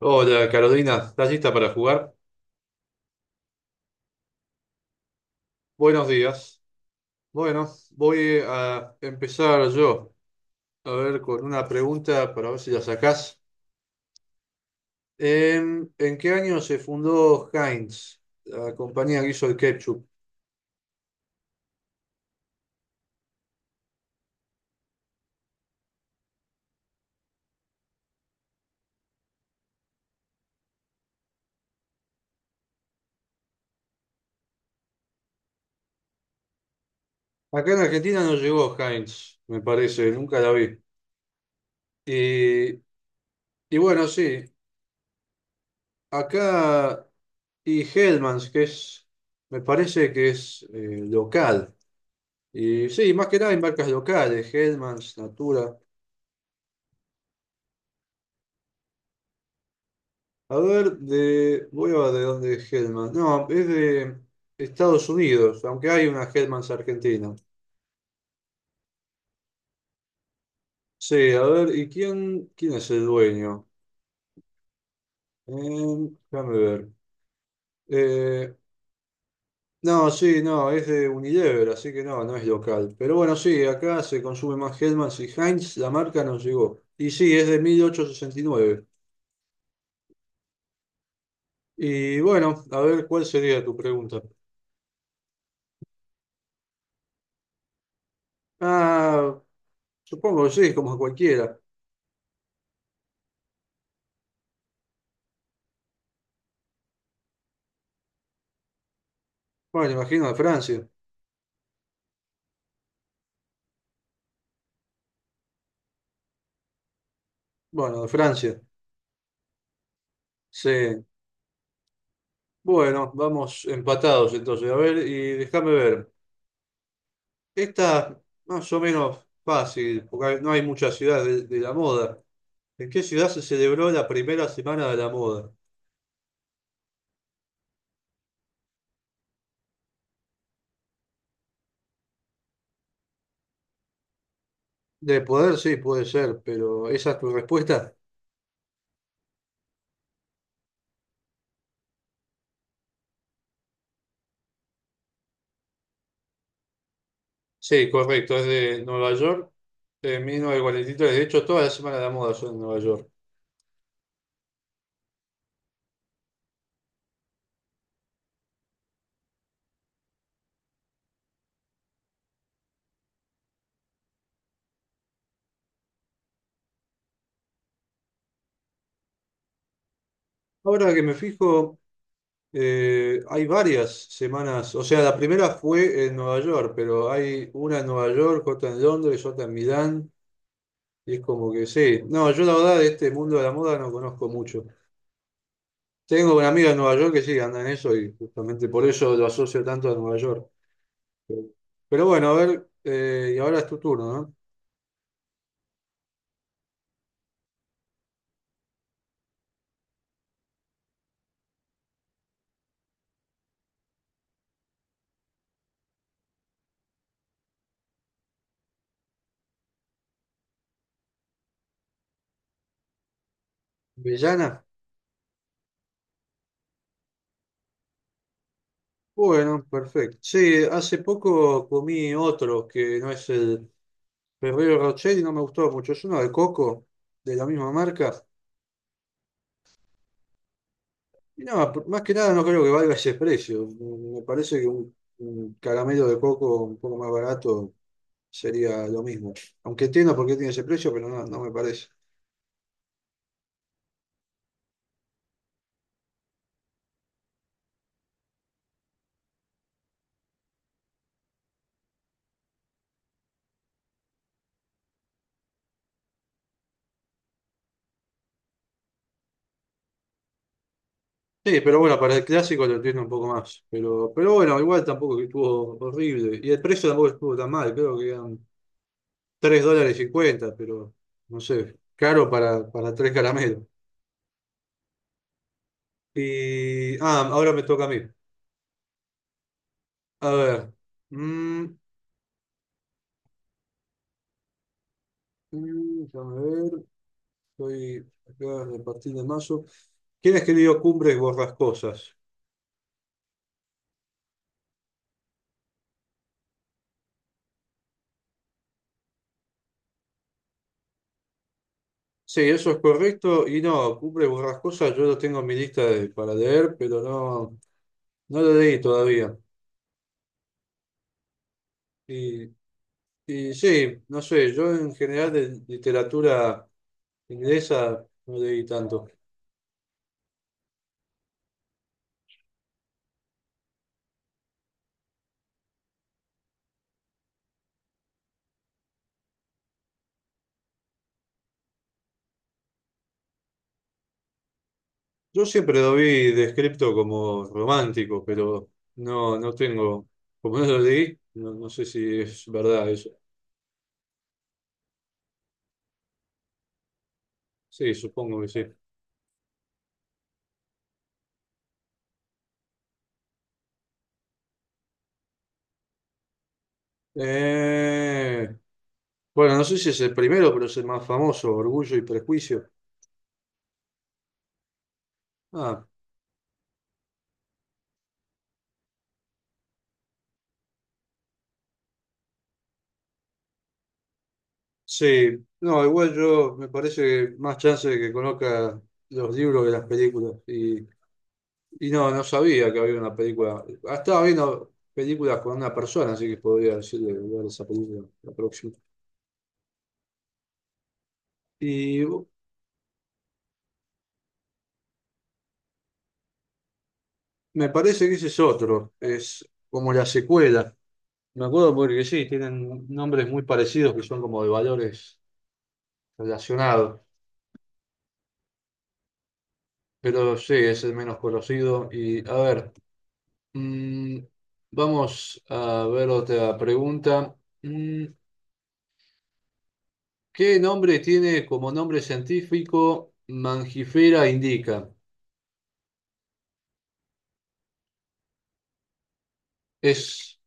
Hola Carolina, ¿estás lista para jugar? Buenos días. Bueno, voy a empezar yo, a ver, con una pregunta para ver si la sacás. ¿En qué año se fundó Heinz, la compañía que hizo el ketchup? Acá en Argentina no llegó Heinz, me parece, nunca la vi. Y, y bueno, sí, acá y Hellmann's, que es, me parece que es local. Y sí, más que nada hay marcas locales, Hellmann's, Natura. A ver, de. Voy a ver de dónde es Hellman. No, es de Estados Unidos, aunque hay una Hellmann's argentina. Sí, a ver, ¿y quién es el dueño? Déjame ver. Eh, no, sí, no, es de Unilever, así que no, no es local. Pero bueno, sí, acá se consume más Hellmann's y Heinz, la marca nos llegó. Y sí, es de 1869. Y nueve. Y bueno, a ver, ¿cuál sería tu pregunta? Ah, supongo que sí, como cualquiera. Bueno, imagino de Francia. Bueno, de Francia. Sí, bueno, vamos empatados entonces. A ver, y déjame ver. Esta más o menos fácil, porque no hay muchas ciudades de la moda. ¿En qué ciudad se celebró la primera semana de la moda? De poder, sí, puede ser, pero ¿esa es tu respuesta? Sí, correcto, es de Nueva York, en 1943. De hecho, todas las semanas de la moda son en Nueva York. Ahora que me fijo, hay varias semanas, o sea, la primera fue en Nueva York, pero hay una en Nueva York, otra en Londres, otra en Milán, y es como que sí. No, yo la verdad de este mundo de la moda no conozco mucho. Tengo una amiga en Nueva York que sí anda en eso y justamente por eso lo asocio tanto a Nueva York. Pero bueno, a ver, y ahora es tu turno, ¿no? ¿Vellana? Bueno, perfecto. Sí, hace poco comí otro que no es el Ferrero Rocher y no me gustó mucho. Es uno de coco, de la misma marca. Y nada, más que nada no creo que valga ese precio. Me parece que un caramelo de coco un poco más barato sería lo mismo. Aunque entiendo por qué tiene ese precio, pero no, no me parece. Sí, pero bueno, para el clásico lo entiendo un poco más. Pero bueno, igual tampoco que estuvo horrible. Y el precio tampoco estuvo tan mal, creo que eran $3 cincuenta, pero no sé, caro para tres caramelos. Y, ahora me toca a mí. A ver. mm, Déjame ver. Estoy acá a partir de mayo. ¿Quién escribió Cumbres Borrascosas? Sí, eso es correcto. Y no, Cumbres Borrascosas yo lo tengo en mi lista para leer, pero no, no lo leí todavía. Y, y sí, no sé, yo en general de literatura inglesa no leí tanto. Yo siempre lo vi descrito como romántico, pero no, no tengo, como no lo leí, no, no sé si es verdad eso. Sí, supongo que sí. Eh, Bueno, no sé si es el primero, pero es el más famoso, Orgullo y Prejuicio. Ah, sí. No, igual yo me parece que más chance de que conozca los libros que las películas. Y no, no sabía que había una película. Ah, estaba viendo películas con una persona, así que podría decirle ver esa película la próxima. Y me parece que ese es otro. Es como la secuela. Me acuerdo porque sí, tienen nombres muy parecidos que son como de valores relacionados. Pero sí, es el menos conocido. Y a ver, mm, vamos a ver otra pregunta. Mm, ¿Qué nombre tiene como nombre científico Mangifera indica? Es,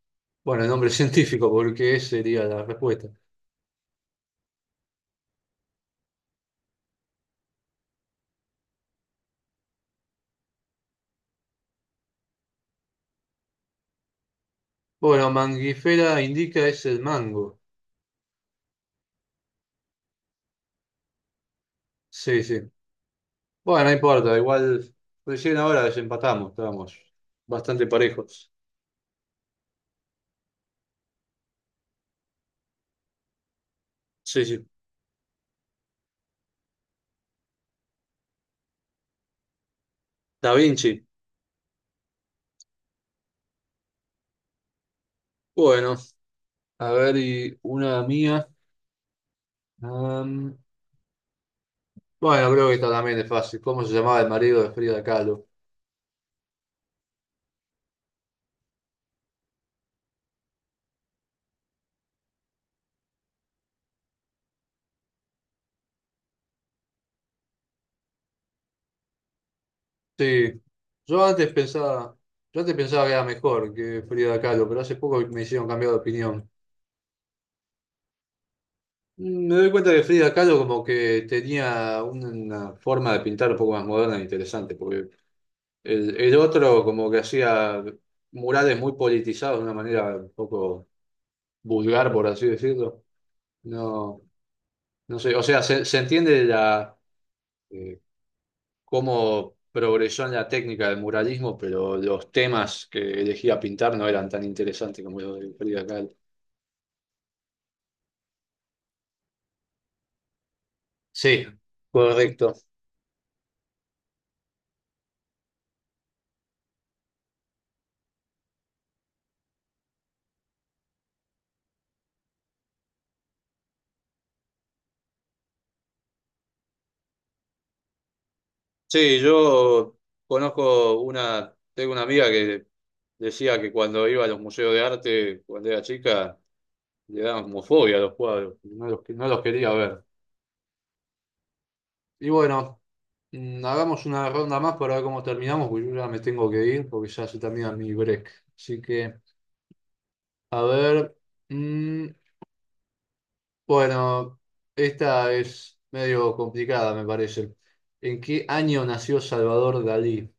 bueno, el nombre científico, porque esa sería la respuesta. Bueno, Mangifera indica es el mango. Sí, sí. Bueno, no importa, igual recién ahora desempatamos, estábamos bastante parejos. Sí, sí. Da Vinci. Bueno, a ver, y una mía. Am, bueno, creo que esta también es fácil. ¿Cómo se llamaba el marido de Frida Kahlo? Sí, yo antes pensaba, yo antes pensaba que era mejor que Frida Kahlo, pero hace poco me hicieron cambiar de opinión. Me doy cuenta que Frida Kahlo como que tenía una forma de pintar un poco más moderna e interesante, porque el otro como que hacía murales muy politizados de una manera un poco vulgar, por así decirlo. No, no sé, o sea, se entiende eh, cómo progresó en la técnica del muralismo, pero los temas que elegía pintar no eran tan interesantes como los de Frida Kahlo. Sí, correcto. Sí, yo conozco una, tengo una amiga que decía que cuando iba a los museos de arte, cuando era chica, le daban como fobia a los cuadros, no los quería ver. Y bueno, hagamos una ronda más para ver cómo terminamos, porque yo ya me tengo que ir, porque ya se termina mi break. Así que, a ver. Bueno, esta es medio complicada, me parece. ¿En qué año nació Salvador Dalí?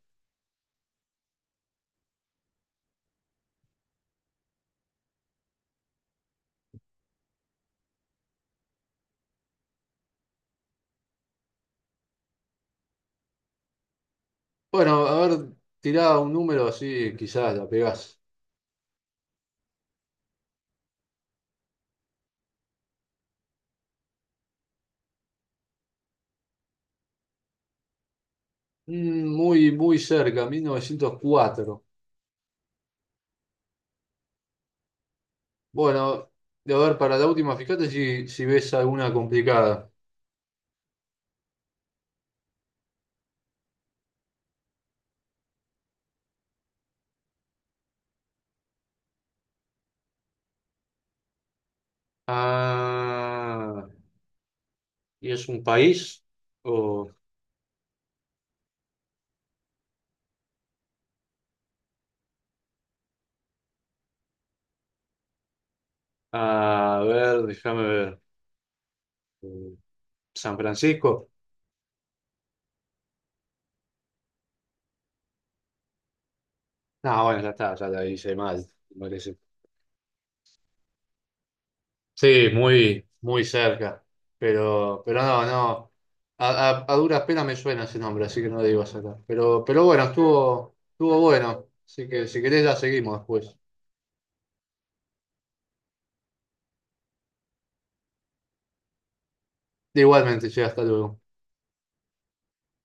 Bueno, a ver, tirá un número así, quizás la pegás. Muy, muy cerca, 1904. Bueno, a ver, para la última, fíjate si ves alguna complicada. Ah, ¿y es un país? O, a ver, déjame ver. ¿San Francisco? No, bueno, ya está, ya la hice mal, me parece. Sí, muy, muy cerca. Pero no, no. A duras penas me suena ese nombre, así que no lo digo acá. Pero bueno, estuvo bueno. Así que si querés ya seguimos después. Igualmente, che, hasta luego.